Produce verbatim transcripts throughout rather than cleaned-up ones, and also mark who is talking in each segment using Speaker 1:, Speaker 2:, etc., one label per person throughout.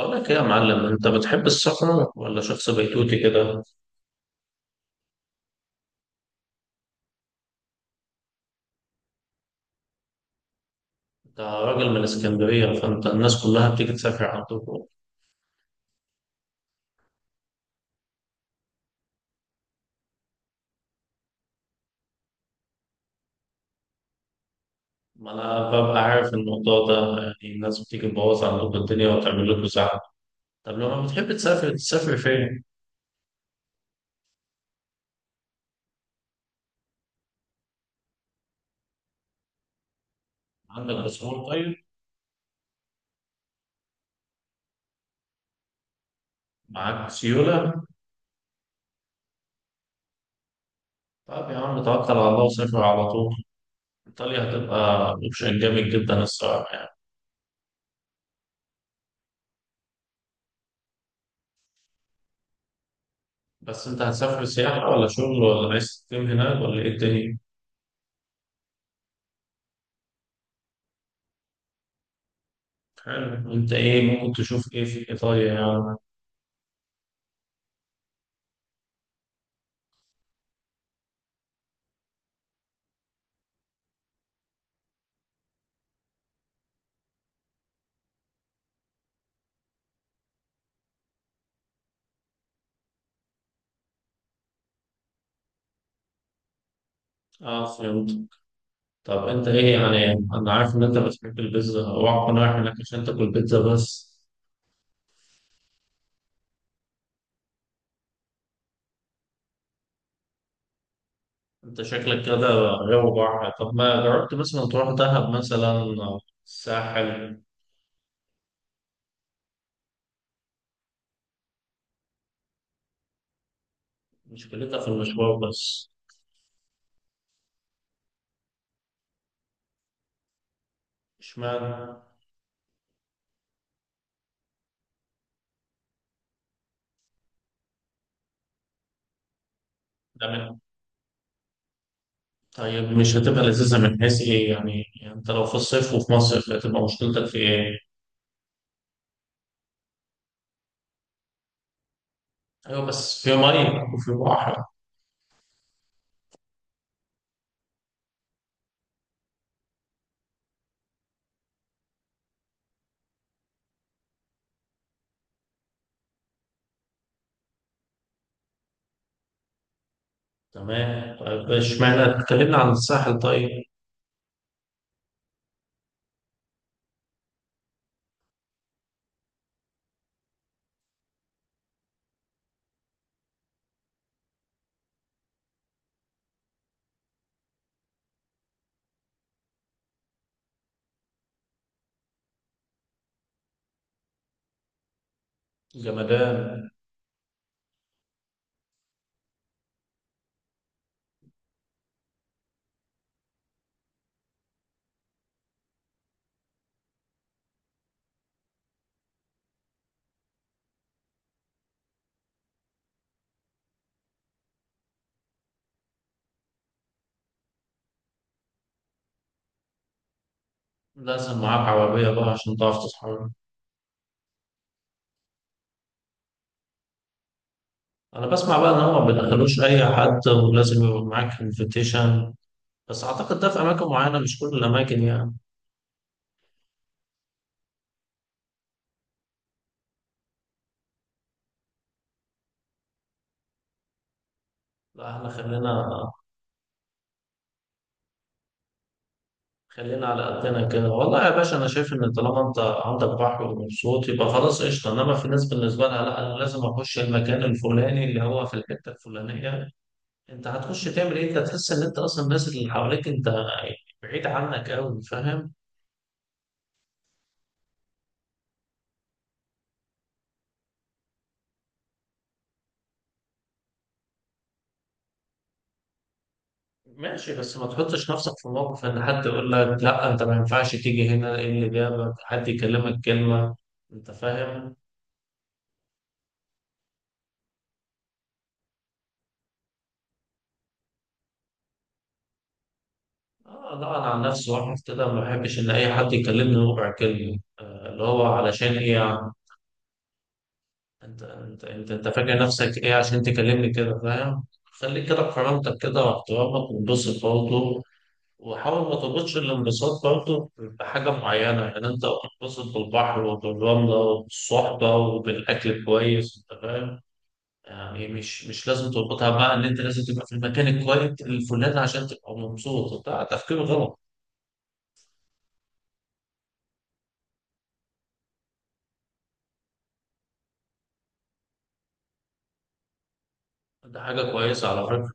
Speaker 1: أقول لك إيه يا معلم، أنت بتحب السفر ولا شخص بيتوتي كده؟ أنت راجل من اسكندرية، فأنت الناس كلها بتيجي تسافر عندكم. ما أنا ببقى عارف الموضوع ده، يعني الناس بتيجي تبوظ عندكم الدنيا وتعمل لكم زحمة. طب لما بتحب تسافر، تسافر فين؟ عندك أسوان طيب؟ معاك سيولة؟ طب يا عم توكل على الله وسافر على طول. إيطاليا هتبقى أوبشن جامد جدا الصراحة يعني. بس أنت هتسافر سياحة ولا شغل، ولا عايز تقيم هناك، ولا إيه الدنيا؟ حلو. أنت إيه ممكن تشوف إيه في إيطاليا يعني؟ اه، فهمت. طب انت ايه يعني، انا عارف ان انت بتحب البيتزا، اوعى تكون رايح هناك عشان تاكل بيتزا بس. انت شكلك كده غاوي بحر. طب ما جربت مثلا تروح دهب مثلا، او الساحل؟ مشكلتها في المشوار بس. اشمعنى؟ تمام. طيب مش هتبقى لذيذة من حيث ايه يعني؟ يعني انت لو في الصيف وفي مصيف، هتبقى مشكلتك في ايه؟ ايوه، بس في ميه وفي بحر. تمام. طيب اشمعنى اتكلمنا عن الساحل طيب. جمدان. لازم معاك عربية بقى عشان تعرف تتحرك. أنا بسمع بقى إن هما ما بيدخلوش أي حد، ولازم يبقى معاك انفيتيشن، بس أعتقد ده في أماكن معينة، مش كل الأماكن يعني. لا إحنا خلينا خلينا على قدنا كده. والله يا باشا، أنا شايف إن طالما أنت عندك بحر ومبسوط، يبقى خلاص قشطة. إنما في ناس بالنسبة لها لا، أنا لازم أخش المكان الفلاني اللي هو في الحتة الفلانية. أنت هتخش تعمل إيه؟ أنت تحس إن أنت أصلا الناس اللي حواليك أنت بعيد عنك أوي، فاهم. ماشي، بس ما تحطش نفسك في موقف ان حد يقول لك لا انت ما ينفعش تيجي هنا، ايه اللي جابك، حد يكلمك كلمة، انت فاهم. آه لا، انا عن نفسي واحد كده ما بحبش ان اي حد يكلمني ربع كلمة، اللي هو علشان ايه يعني؟ انت انت انت, انت فاكر نفسك ايه عشان تكلمني كده، فاهم؟ خليك كده بكرامتك كده واحترامك، وانبسط برضه. وحاول ما تربطش الانبساط برضه بحاجة معينة، يعني انت انبسط بالبحر وبالرملة وبالصحبة وبالأكل كويس، انت فاهم. يعني مش مش لازم تربطها بقى ان انت لازم تبقى في المكان الكويس الفلاني عشان تبقى مبسوط، ده تفكير غلط. ده حاجه كويسه على فكره.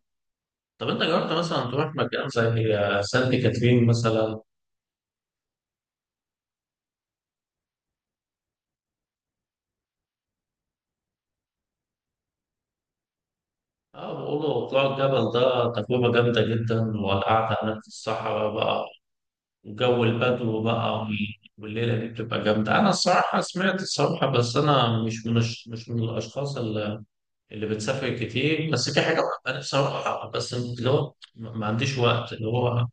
Speaker 1: طب انت جربت مثلا تروح مكان زي سانت كاترين مثلا؟ اه، بيقولوا طلوع الجبل ده تجربه جامده جدا، والقعده هناك في الصحراء بقى، وجو البدو بقى، والليله دي بتبقى جامده. انا الصراحه سمعت الصراحه، بس انا مش من الش- مش من الاشخاص اللي اللي بتسافر كتير. بس في حاجه، انا بصراحه بس اللي هو ما ما عنديش وقت، اللي هو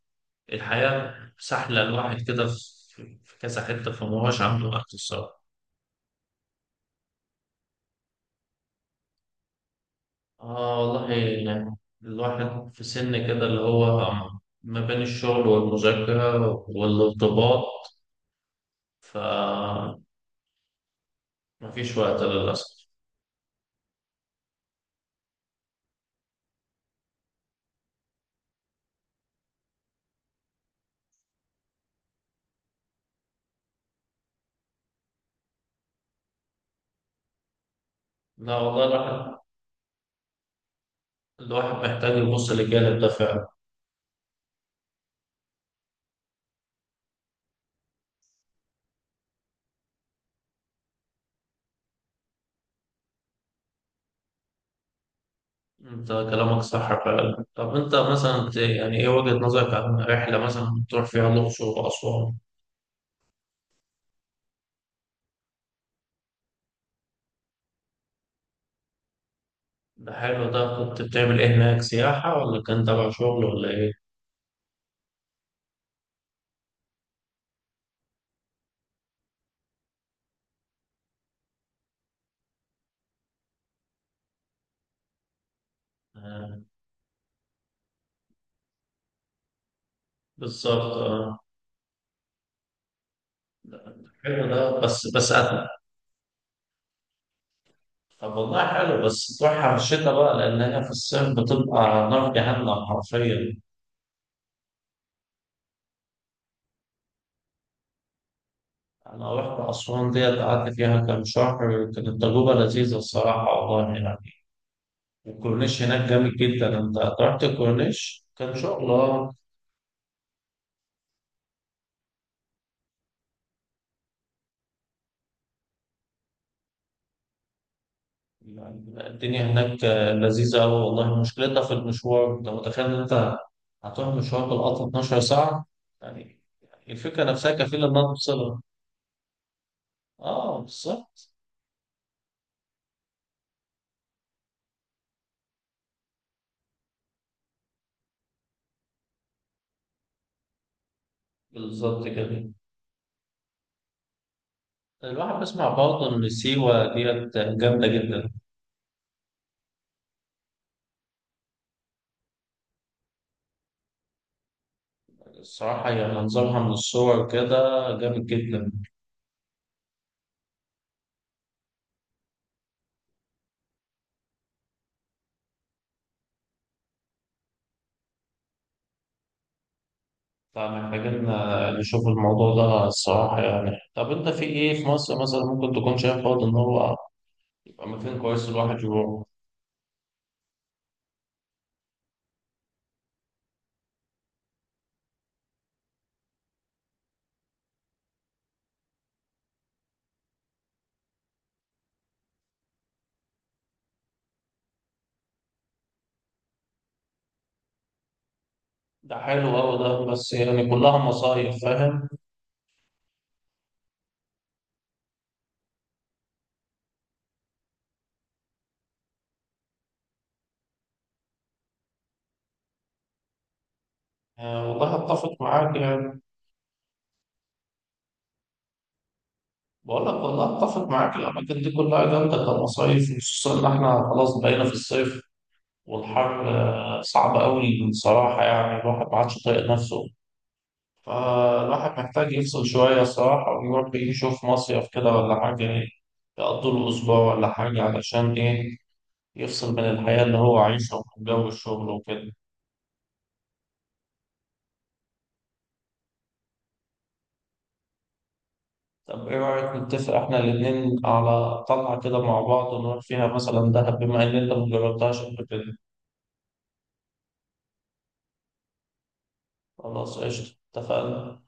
Speaker 1: الحياة سحلة، الواحد كده في في كذا حتة، فما هوش عنده وقت الصراحة. آه والله يعني، الواحد في سن كده اللي هو ما بين الشغل والمذاكرة والارتباط، فمفيش وقت للأسف. لا والله الواحد الواحد محتاج يبص للجانب ده فعلا. انت كلامك صح فعلا. طب انت مثلا ت- يعني ايه وجهة نظرك عن رحلة مثلا تروح فيها الأقصر وأسوان؟ ده حلو. ده كنت بتعمل ايه هناك، سياحة ولا كان تبع شغل ولا ايه؟ آه، بالظبط. اه حلو ده، بس بس أتنى. طب والله حلو، بس تروح على الشتاء بقى، لأن هي في الصيف بتبقى نار جهنم حرفيا. أنا رحت أسوان ديت، قعدت فيها كام شهر، كانت تجربة لذيذة الصراحة والله يعني. الكورنيش هناك جامد جدا. أنت رحت الكورنيش كان شغل، اه يعني الدنيا هناك آه، لذيذة أوي والله. مشكلتها في المشوار، أنت متخيل إن أنت هتروح مشوار بالقطر اثنا عشر ساعة؟ يعني الفكرة نفسها كفيلة إنها توصلك. اه بالظبط. بالظبط كده. الواحد بيسمع برضه إن سيوة ديت جامدة جدا. الصراحة هي منظرها من الصور كده جامد جدا. فمحتاجين آه، نشوف الموضوع ده الصراحة يعني. طب أنت في إيه في مصر مثلا ممكن تكون شايف برضه إن هو يبقى مكان كويس الواحد يروح؟ ده حلو أوي ده، بس يعني كلها مصايف، فاهم. آه والله أتفق معاك يعني. بقول لك والله أتفق معاك، الأماكن دي كلها جامدة كمصايف، خصوصا إن إحنا خلاص بقينا في الصيف، والحر آه، صعب أوي بصراحة يعني، الواحد ما عادش طايق نفسه. فالواحد محتاج يفصل شوية الصراحة، ويروح يشوف مصيف كده ولا حاجة، يقضي له أسبوع ولا حاجة علشان إيه، يفصل من الحياة اللي هو عايشها ومن جو الشغل وكده. طب إيه رأيك نتفق إحنا الاتنين على طلعة كده مع بعض، ونروح فيها مثلا دهب، بما إن أنت مجربتهاش قبل كده؟ خلاص قشطة، اتفقنا.